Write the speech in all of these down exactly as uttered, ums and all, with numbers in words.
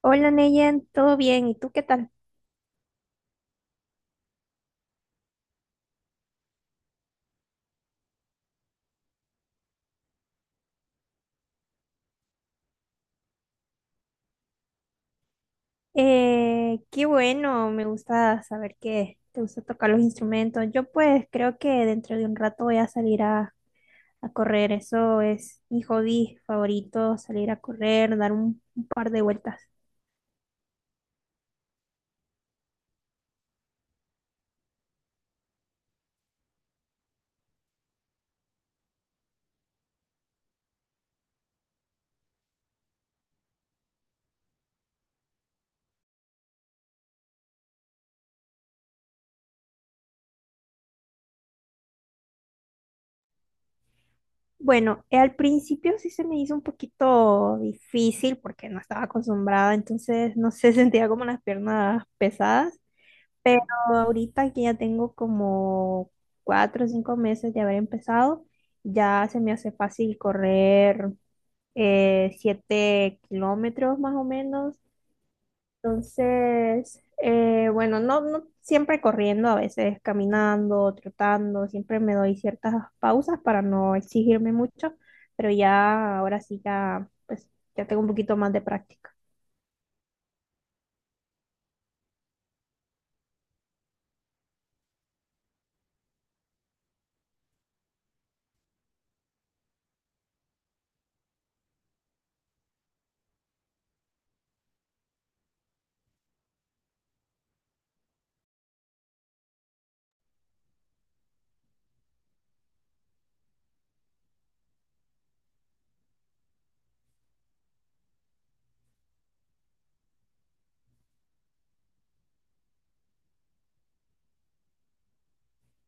Hola Neyen, ¿todo bien? ¿Y tú qué tal? Eh, qué bueno, me gusta saber que te gusta tocar los instrumentos. Yo pues creo que dentro de un rato voy a salir a, a correr, eso es mi hobby favorito, salir a correr, dar un, un par de vueltas. Bueno, eh, al principio sí se me hizo un poquito difícil porque no estaba acostumbrada, entonces no sé, sentía como las piernas pesadas. Pero ahorita que ya tengo como cuatro o cinco meses de haber empezado, ya se me hace fácil correr eh, siete kilómetros más o menos. Entonces, eh, bueno, no, no siempre corriendo, a veces caminando, trotando, siempre me doy ciertas pausas para no exigirme mucho, pero ya ahora sí ya, pues, ya tengo un poquito más de práctica.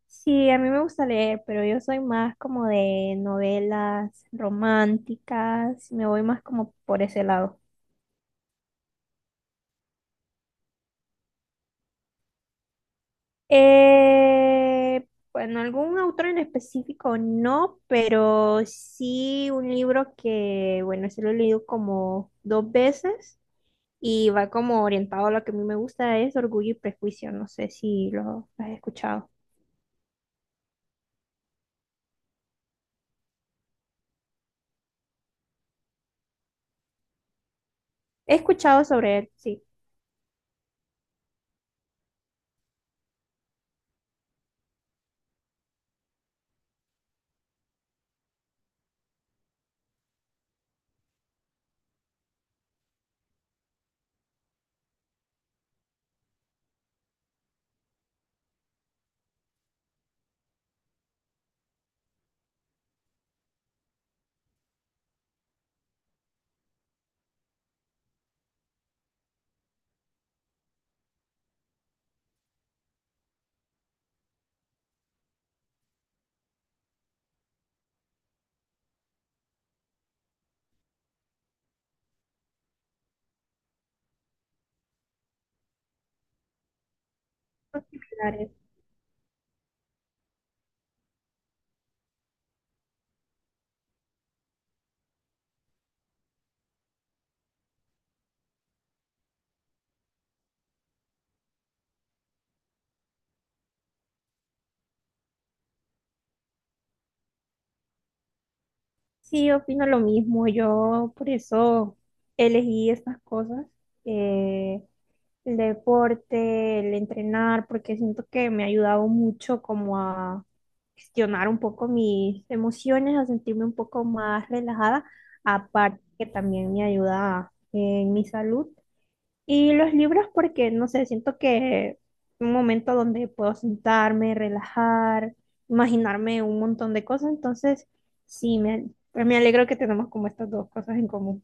Sí, a mí me gusta leer, pero yo soy más como de novelas románticas, me voy más como por ese lado. Eh, bueno, algún autor en específico no, pero sí un libro que, bueno, se lo he leído como dos veces y va como orientado a lo que a mí me gusta, es Orgullo y Prejuicio, no sé si lo has escuchado. He escuchado sobre él, sí. Son similares. Sí, opino lo mismo. Yo por eso elegí estas cosas, eh, el deporte, el entrenar, porque siento que me ha ayudado mucho como a gestionar un poco mis emociones, a sentirme un poco más relajada, aparte que también me ayuda en mi salud. Y los libros porque, no sé, siento que un momento donde puedo sentarme, relajar, imaginarme un montón de cosas, entonces sí, me, me alegro que tenemos como estas dos cosas en común.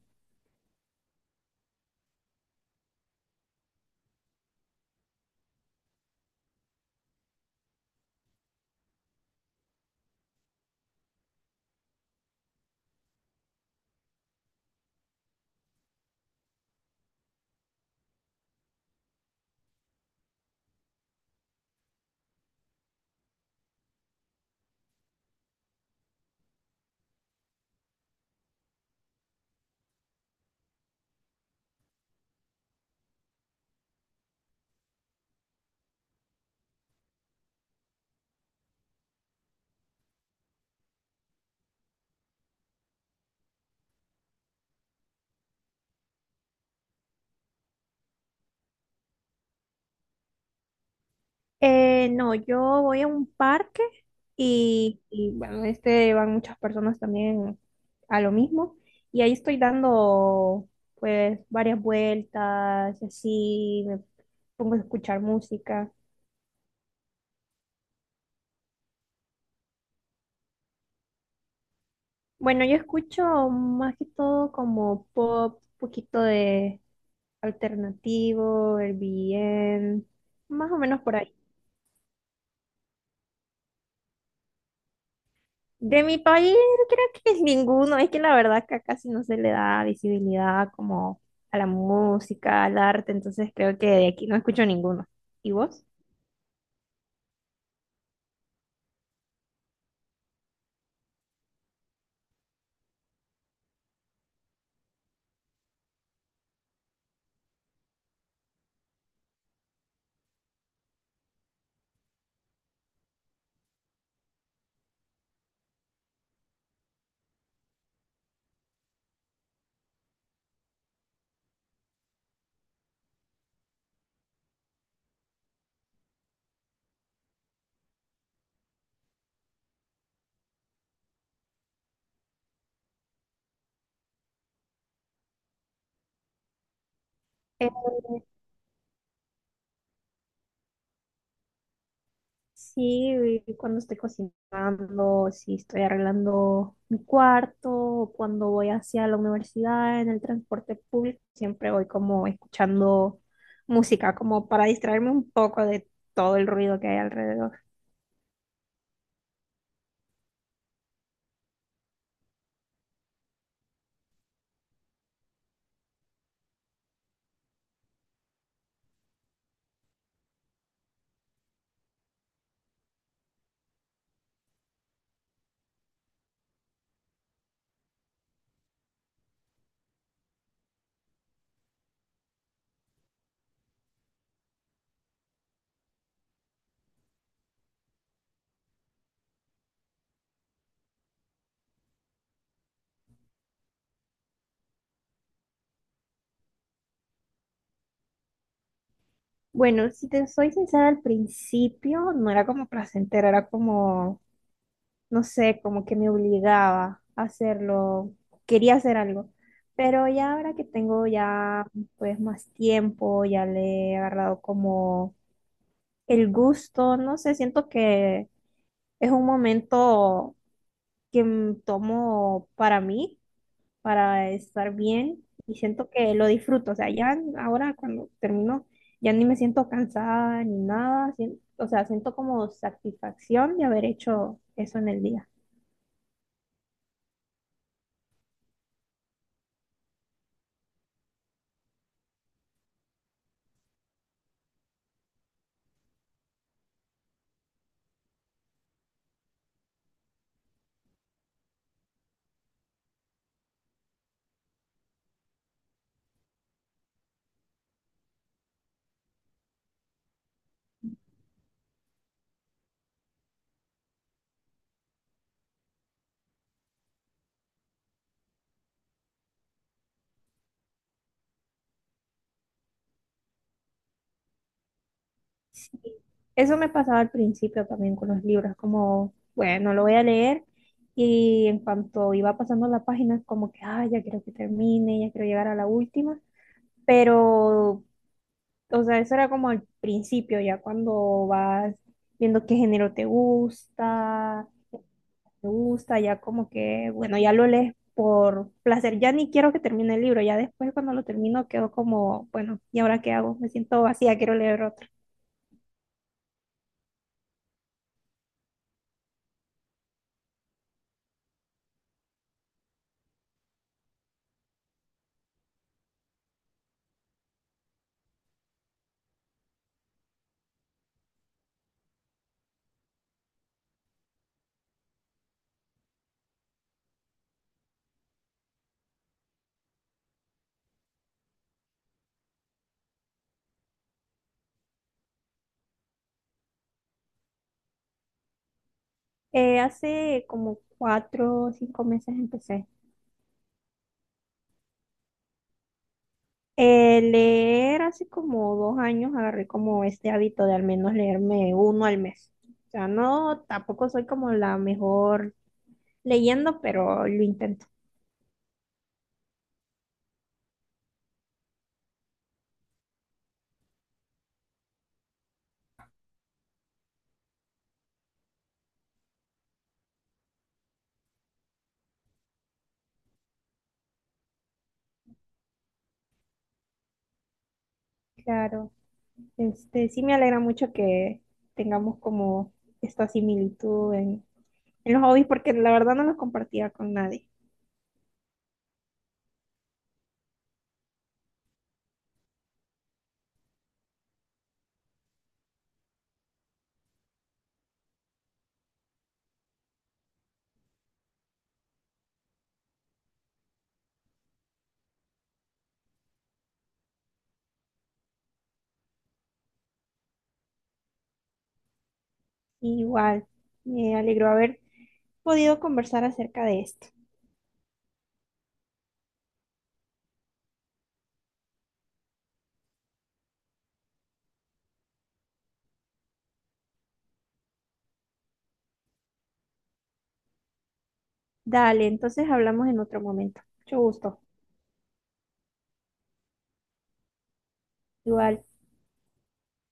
Eh, no, yo voy a un parque y, y, bueno, este van muchas personas también a lo mismo y ahí estoy dando pues varias vueltas, y así me pongo a escuchar música. Bueno, yo escucho más que todo como pop, poquito de alternativo, el bien, más o menos por ahí. De mi país creo que es ninguno, es que la verdad que casi no se le da visibilidad como a la música, al arte, entonces creo que de aquí no escucho ninguno. ¿Y vos? Eh, Sí, güey, cuando estoy cocinando, si estoy arreglando mi cuarto, o cuando voy hacia la universidad en el transporte público, siempre voy como escuchando música, como para distraerme un poco de todo el ruido que hay alrededor. Bueno, si te soy sincera, al principio no era como placentero, era como no sé, como que me obligaba a hacerlo, quería hacer algo. Pero ya ahora que tengo ya pues más tiempo, ya le he agarrado como el gusto, no sé, siento que es un momento que m- tomo para mí, para estar bien y siento que lo disfruto. O sea, ya n- ahora cuando termino, ya ni me siento cansada ni nada, sien- o sea, siento como satisfacción de haber hecho eso en el día. Sí, eso me pasaba al principio también con los libros, como, bueno, lo voy a leer y en cuanto iba pasando la página, como que, ah, ya quiero que termine, ya quiero llegar a la última, pero, o sea, eso era como al principio, ya cuando vas viendo qué género te gusta, qué te gusta, ya como que, bueno, ya lo lees por placer, ya ni quiero que termine el libro, ya después cuando lo termino quedo como, bueno, ¿y ahora qué hago? Me siento vacía, quiero leer. Eh, hace como cuatro o cinco meses empecé. Eh, leer hace como dos años agarré como este hábito de al menos leerme uno al mes. O sea, no, tampoco soy como la mejor leyendo, pero lo intento. Claro, este, sí me alegra mucho que tengamos como esta similitud en, en los hobbies, porque la verdad no los compartía con nadie. Igual, me alegró haber podido conversar acerca de esto. Dale, entonces hablamos en otro momento. Mucho gusto. Igual.